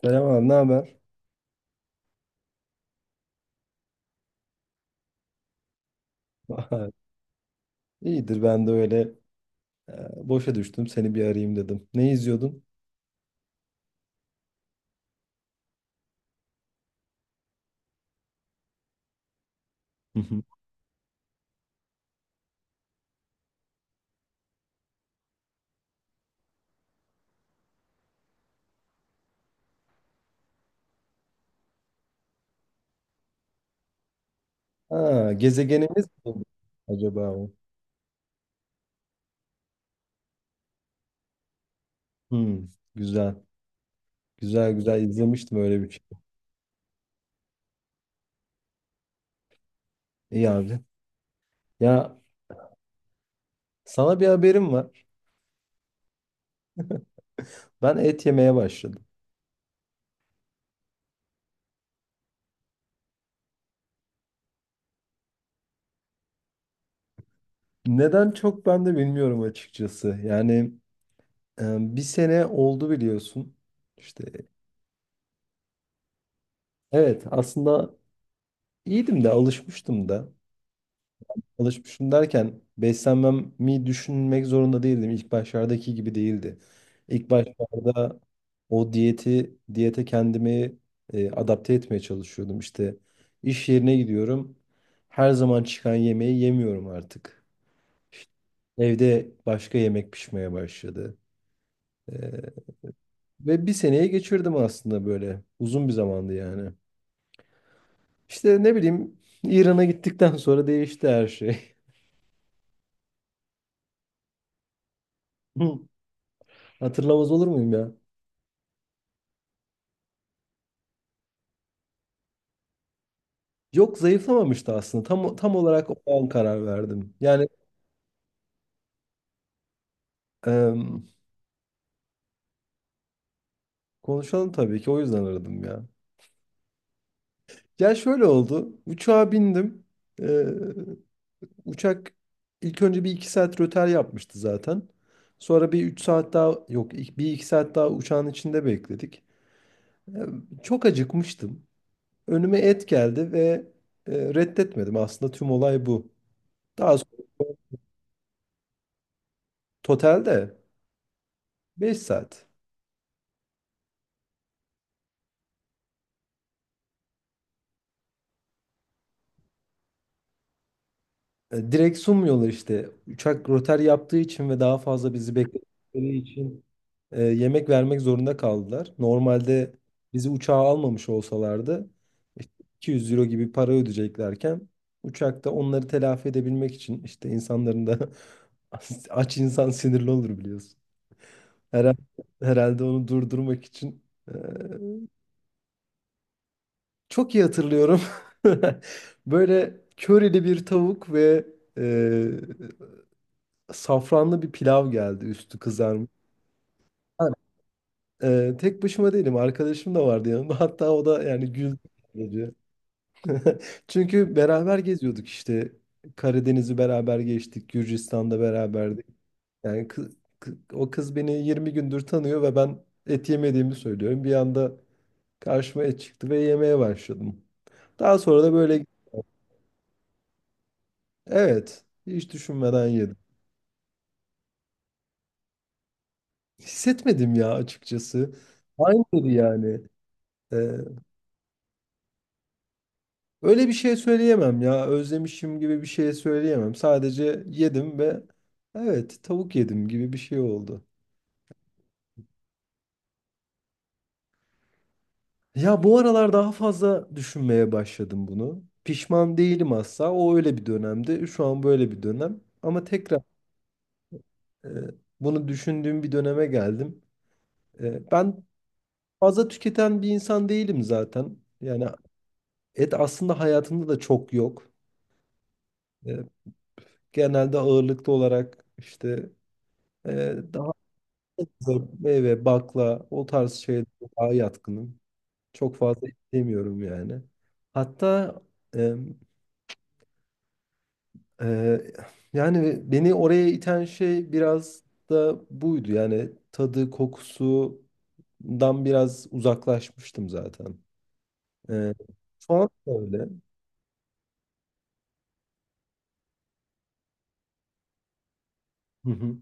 Selam abi, ne haber? İyidir ben de öyle. Boşa düştüm, seni bir arayayım dedim. Ne izliyordun? Hı hı. Ha, gezegenimiz mi acaba o? Hmm, güzel. Güzel güzel izlemiştim öyle bir şey. İyi abi. Ya, sana bir haberim var. Ben et yemeye başladım. Neden, çok ben de bilmiyorum açıkçası. Yani bir sene oldu biliyorsun. İşte evet, aslında iyiydim de, alışmıştım da. Alışmışım derken beslenmemi düşünmek zorunda değildim. İlk başlardaki gibi değildi. İlk başlarda diyete kendimi adapte etmeye çalışıyordum. İşte iş yerine gidiyorum. Her zaman çıkan yemeği yemiyorum artık. İşte evde başka yemek pişmeye başladı. E, ve bir seneye geçirdim aslında böyle. Uzun bir zamandı yani. İşte ne bileyim, İran'a gittikten sonra değişti her şey. Hatırlamaz olur muyum ya? Yok, zayıflamamıştı aslında. Tam olarak o an karar verdim. Yani em, konuşalım tabii ki, o yüzden aradım ya. Ya şöyle oldu. Uçağa bindim. Ee, uçak ilk önce bir iki saat rötar yapmıştı zaten. Sonra bir 3 saat daha, yok, bir iki saat daha uçağın içinde bekledik. Ee, çok acıkmıştım. Önüme et geldi ve reddetmedim. Aslında tüm olay bu. Daha sonra totalde 5 saat. Direkt sunmuyorlar işte. Uçak rötar yaptığı için ve daha fazla bizi bekledikleri için yemek vermek zorunda kaldılar. Normalde bizi uçağa almamış olsalardı işte 200 euro gibi para ödeyeceklerken uçakta onları telafi edebilmek için, işte, insanların da aç insan sinirli olur biliyorsun. Herhalde, herhalde onu durdurmak için. E, çok iyi hatırlıyorum. Böyle körili bir tavuk ve e, safranlı bir pilav geldi, üstü kızarmış. Ben, tek başıma değilim, arkadaşım da vardı yanımda. Hatta o da yani güldü sadece. Çünkü beraber geziyorduk işte, Karadeniz'i beraber geçtik, Gürcistan'da beraberdik. Yani o kız beni 20 gündür tanıyor ve ben et yemediğimi söylüyorum. Bir anda karşıma et çıktı ve yemeye başladım. Daha sonra da böyle, evet, hiç düşünmeden yedim. Hissetmedim ya açıkçası. Aynıydı yani. E, Öyle bir şey söyleyemem ya. Özlemişim gibi bir şey söyleyemem. Sadece yedim ve evet, tavuk yedim gibi bir şey oldu. Ya bu aralar daha fazla düşünmeye başladım bunu. Pişman değilim asla. O öyle bir dönemdi. Şu an böyle bir dönem. Ama tekrar e, bunu düşündüğüm bir döneme geldim. Ben fazla tüketen bir insan değilim zaten. Yani et aslında hayatımda da çok yok. E, genelde ağırlıklı olarak işte daha. Meyve, bakla, o tarz şeylere daha yatkınım. Çok fazla istemiyorum yani. Hatta e, e, yani beni oraya iten şey biraz da buydu. Yani tadı, kokusundan biraz uzaklaşmıştım zaten. E, şu an da öyle. Hı hı,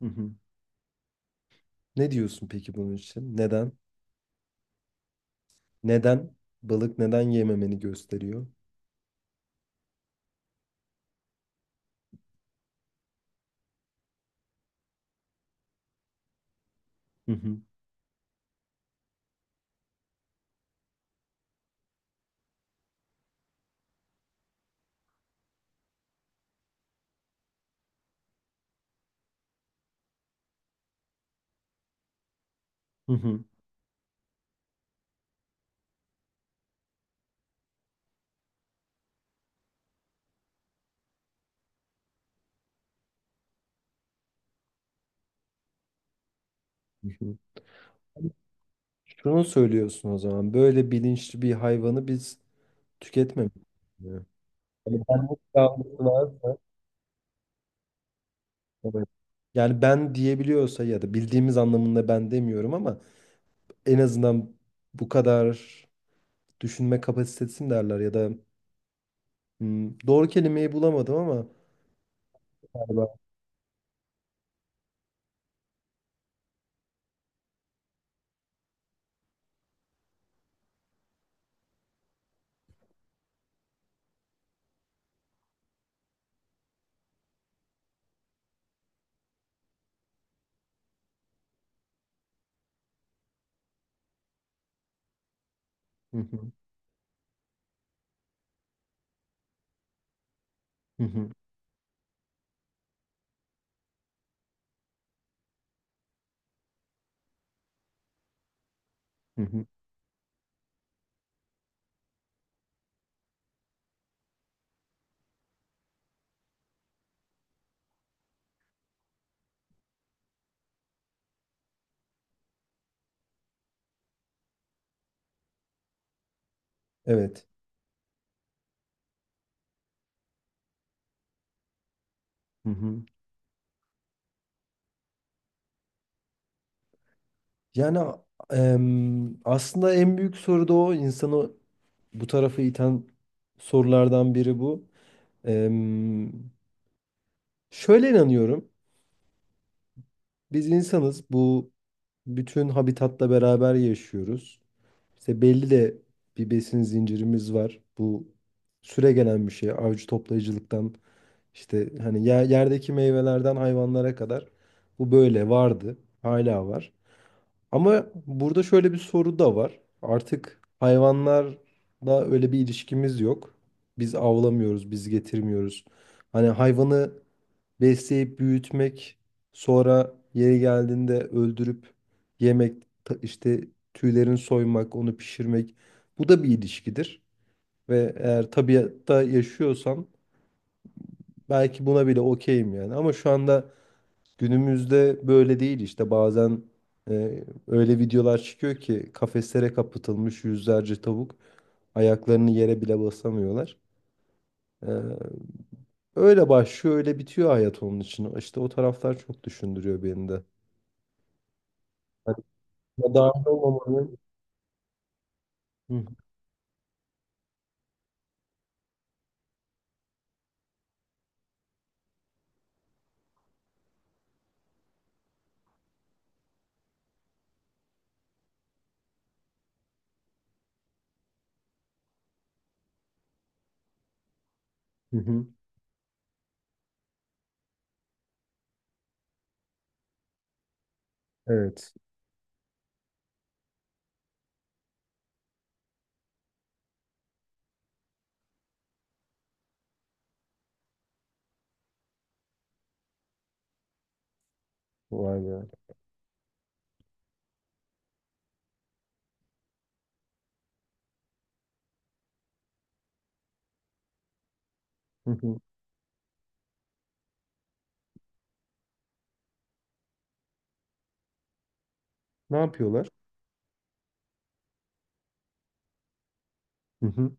hı hı. Ne diyorsun peki bunun için? Neden? Neden? Balık neden yememeni gösteriyor? Hı hı, hı hı, hı hı. Şunu söylüyorsun o zaman. Böyle bilinçli bir hayvanı biz tüketmemiz gerekiyor. Yani benlik algısı varsa, evet. Yani ben diyebiliyorsa ya da bildiğimiz anlamında ben demiyorum ama en azından bu kadar düşünme kapasitesin derler ya da doğru kelimeyi bulamadım ama galiba. Hı hı, hı hı, hı hı. Evet. Hı hı. Yani aslında en büyük soru da o, insanı bu tarafa iten sorulardan biri bu. Em, Şöyle inanıyorum. Biz insanız. Bu, bütün habitatla beraber yaşıyoruz. İşte belli de bir besin zincirimiz var. Bu süregelen bir şey. Avcı toplayıcılıktan işte, hani, yerdeki meyvelerden hayvanlara kadar bu böyle vardı. Hala var. Ama burada şöyle bir soru da var. Artık hayvanlarla öyle bir ilişkimiz yok. Biz avlamıyoruz, biz getirmiyoruz. Hani hayvanı besleyip büyütmek, sonra yeri geldiğinde öldürüp yemek, işte tüylerini soymak, onu pişirmek. Bu da bir ilişkidir. Ve eğer tabiatta yaşıyorsam belki buna bile okeyim yani. Ama şu anda günümüzde böyle değil, işte bazen öyle videolar çıkıyor ki, kafeslere kapatılmış yüzlerce tavuk ayaklarını yere bile basamıyorlar. E, öyle başlıyor, öyle bitiyor hayat onun için. İşte o taraflar çok düşündürüyor beni de. Ya, dahil olmamanın. Hı hı. Hı. Evet. Vay be. Hı hı. Ne yapıyorlar? Hı hı.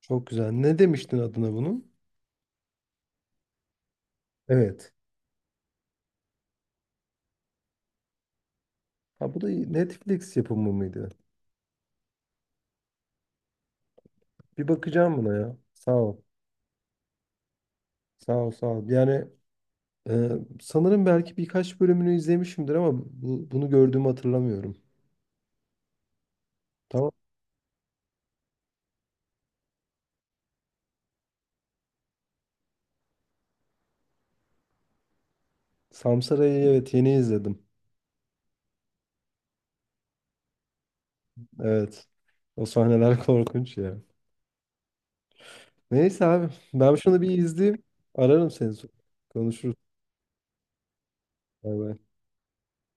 Çok güzel. Ne demiştin adına bunun? Evet. Ha, bu da iyi. Netflix yapımı mıydı? Bir bakacağım buna ya. Sağ ol. Sağ ol, sağ ol. Yani e, sanırım belki birkaç bölümünü izlemişimdir ama bunu gördüğümü hatırlamıyorum. Tamam. Samsara'yı evet yeni izledim. Evet. O sahneler korkunç ya. Neyse abi. Ben şunu bir izleyeyim. Ararım seni sonra. Konuşuruz. Bay bay.